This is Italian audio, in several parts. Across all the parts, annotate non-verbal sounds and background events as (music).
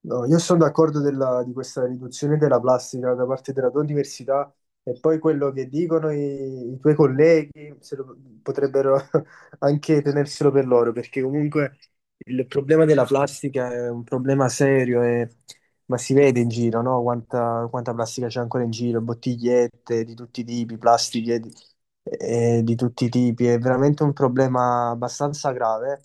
No, io sono d'accordo di questa riduzione della plastica da parte della tua università e poi quello che dicono i tuoi colleghi se lo- potrebbero (laughs) anche tenerselo per loro, perché comunque il problema della plastica è un problema serio, ma si vede in giro, no? Quanta plastica c'è ancora in giro, bottigliette di tutti i tipi, plastiche di tutti i tipi, è veramente un problema abbastanza grave.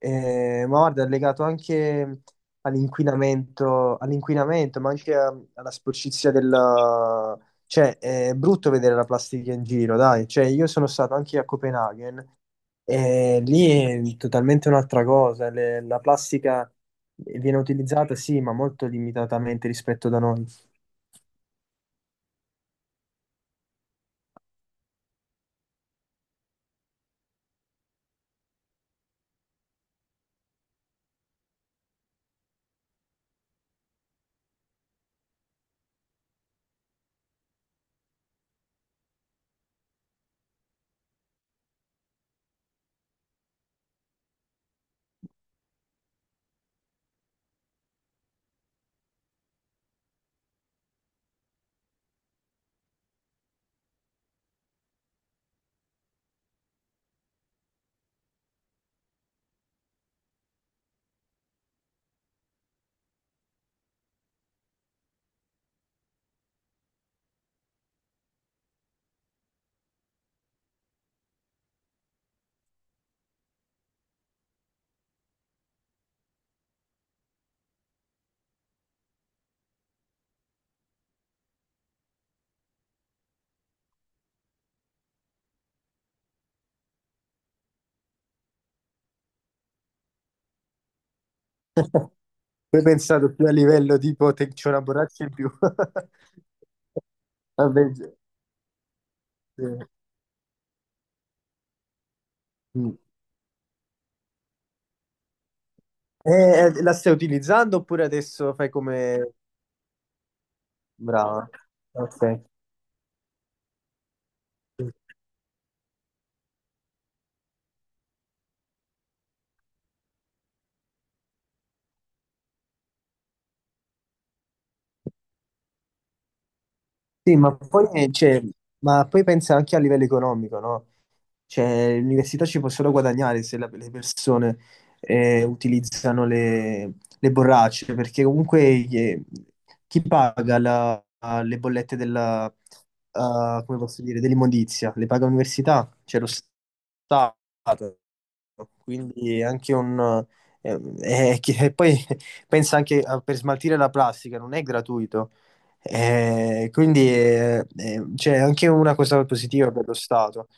Ma guarda, è legato anche all'inquinamento, ma anche alla sporcizia della. Cioè, è brutto vedere la plastica in giro, dai. Cioè, io sono stato anche a Copenaghen e lì è totalmente un'altra cosa. La plastica viene utilizzata, sì, ma molto limitatamente rispetto da noi. Voi pensate più a livello tipo c'è una borraccia in più. (laughs) Vabbè, sì. Mm. Eh, la stai utilizzando oppure adesso fai come. Brava. Ok. Sì, ma poi, cioè, ma poi pensa anche a livello economico, no? Cioè, l'università ci può solo guadagnare se le persone utilizzano le borracce, perché comunque eh, chi paga le bollette come posso dire, dell'immondizia? Le paga l'università? Stato. Quindi anche un. E poi (laughs) pensa anche per smaltire la plastica, non è gratuito. Quindi c'è anche una cosa positiva per lo Stato.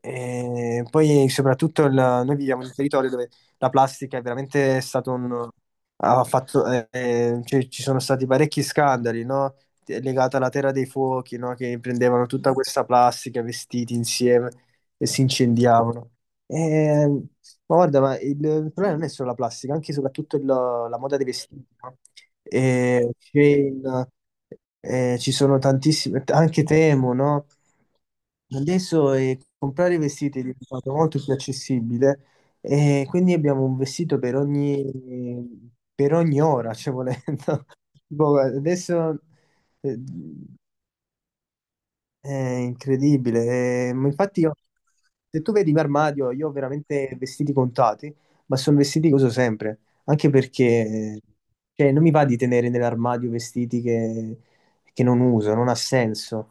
Poi soprattutto noi viviamo in un territorio dove la plastica è veramente stato un. Ha fatto, cioè, ci sono stati parecchi scandali, no? Legata alla Terra dei Fuochi, no? Che prendevano tutta questa plastica, vestiti insieme e si incendiavano. Eh, ma guarda, ma il problema non è solo la plastica, anche e soprattutto la moda dei vestiti, no? Chain, ci sono tantissime, anche Temo, no? Adesso comprare vestiti è diventato molto più accessibile e quindi abbiamo un vestito per ogni ora, cioè volendo. (laughs) Boh, adesso eh, è incredibile. Ma infatti, io, se tu vedi il mio armadio, io ho veramente vestiti contati, ma sono vestiti che uso sempre. Anche perché cioè, non mi va di tenere nell'armadio vestiti che non uso, non ha senso.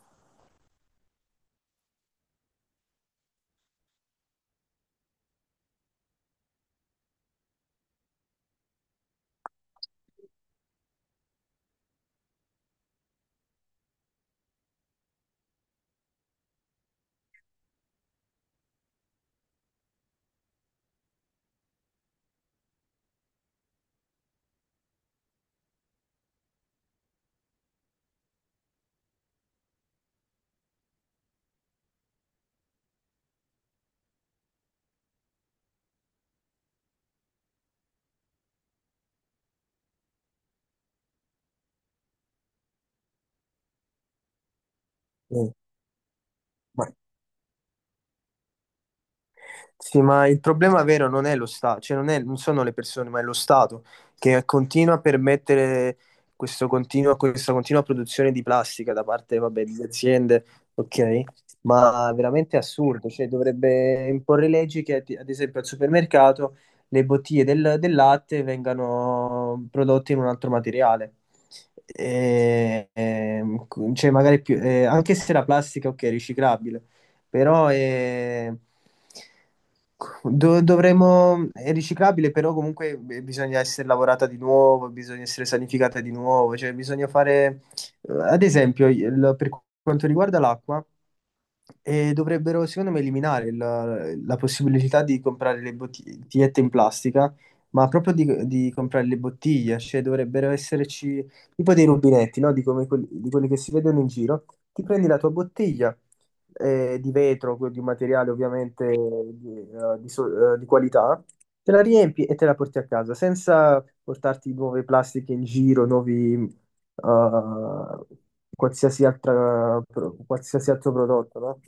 Eh, ma- Sì, ma il problema vero non è lo Stato, cioè non sono le persone, ma è lo Stato che continua a permettere questa continua produzione di plastica da parte, vabbè, di aziende, ok? Ma veramente assurdo, cioè dovrebbe imporre leggi che, ad esempio, al supermercato le bottiglie del latte vengano prodotte in un altro materiale. E- e- cioè magari più, anche se la plastica, ok, è riciclabile però è. Dovremmo... È riciclabile, però comunque bisogna essere lavorata di nuovo, bisogna essere sanificata di nuovo, cioè bisogna fare, ad esempio, per quanto riguarda l'acqua, e dovrebbero, secondo me, eliminare la possibilità di comprare le bottigliette in plastica, ma proprio di comprare le bottiglie, cioè dovrebbero esserci tipo dei rubinetti, no? Di, come quelli, di quelli che si vedono in giro. Ti prendi la tua bottiglia, di vetro, di un materiale ovviamente di qualità, te la riempi e te la porti a casa senza portarti nuove plastiche in giro, nuovi, eh, qualsiasi altra, qualsiasi altro prodotto, no?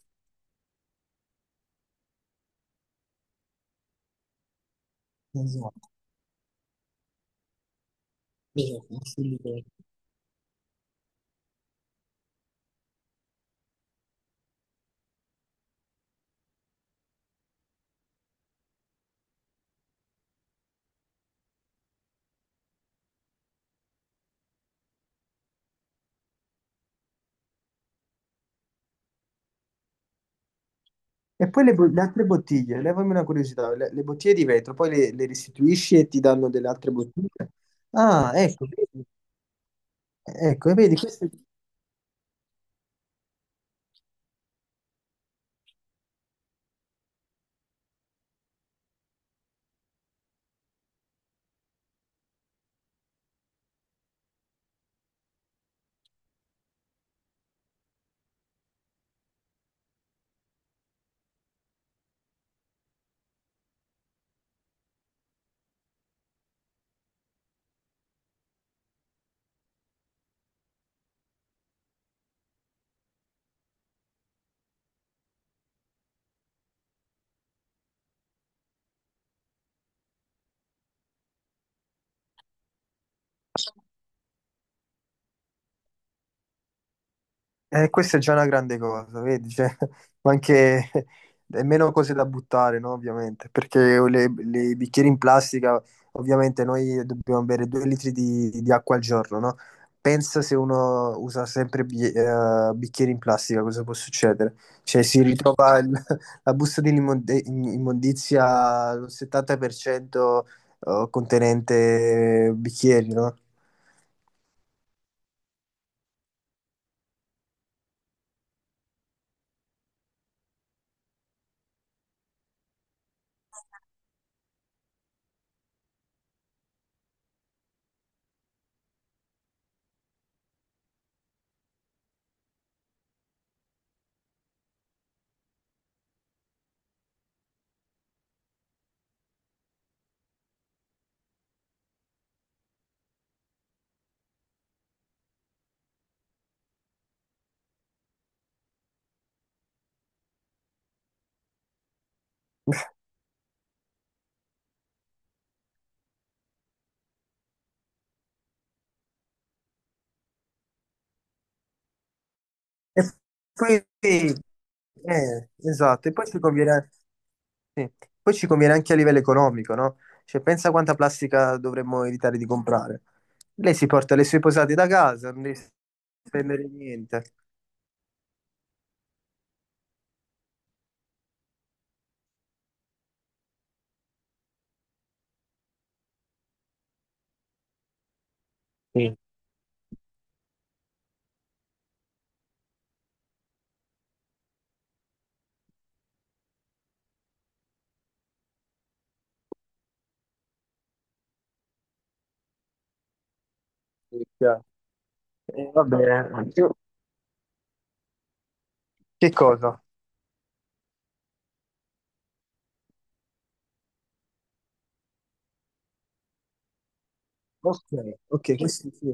Esatto, esatto, assolutamente. E poi le, le altre bottiglie, levami una curiosità, le bottiglie di vetro, poi le restituisci e ti danno delle altre bottiglie? Ah, ecco, vedi, questo. Questa è già una grande cosa, vedi? Cioè, (laughs) ma anche è meno cose da buttare, no? Ovviamente, perché le bicchieri in plastica, ovviamente noi dobbiamo bere 2 litri di acqua al giorno, no? Pensa se uno usa sempre bicchieri in plastica, cosa può succedere? Cioè, si ritrova (laughs) la busta di immondizia al 70% contenente bicchieri, no? (laughs) E poi, esatto, e poi ci conviene anche a livello economico, no? Cioè, pensa quanta plastica dovremmo evitare di comprare. Lei si porta le sue posate da casa, non devi spendere niente. Sì. Sì, chiaro. Va bene. Che cosa? Ok, ok, questo sì.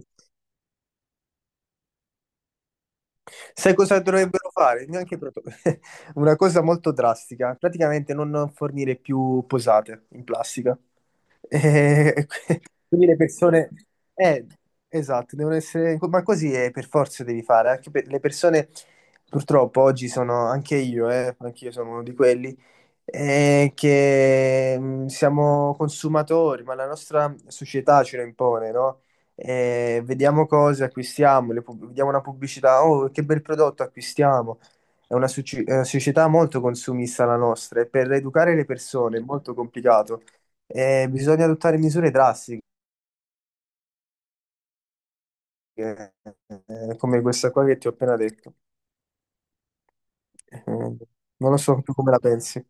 Sai cosa dovrebbero fare? Neanche proto- (laughs) Una cosa molto drastica, praticamente non fornire più posate in plastica. E (laughs) quindi le persone. Eh, esatto, devono essere. Ma così è, per forza devi fare, anche per le persone. Purtroppo oggi sono anche io sono uno di quelli, che siamo consumatori, ma la nostra società ce lo impone, no? Vediamo cose, acquistiamo, vediamo una pubblicità, oh che bel prodotto acquistiamo. È una società molto consumista la nostra e per educare le persone è molto complicato. Bisogna adottare misure drastiche, eh, come questa qua che ti ho appena detto. Non lo so tu come la pensi.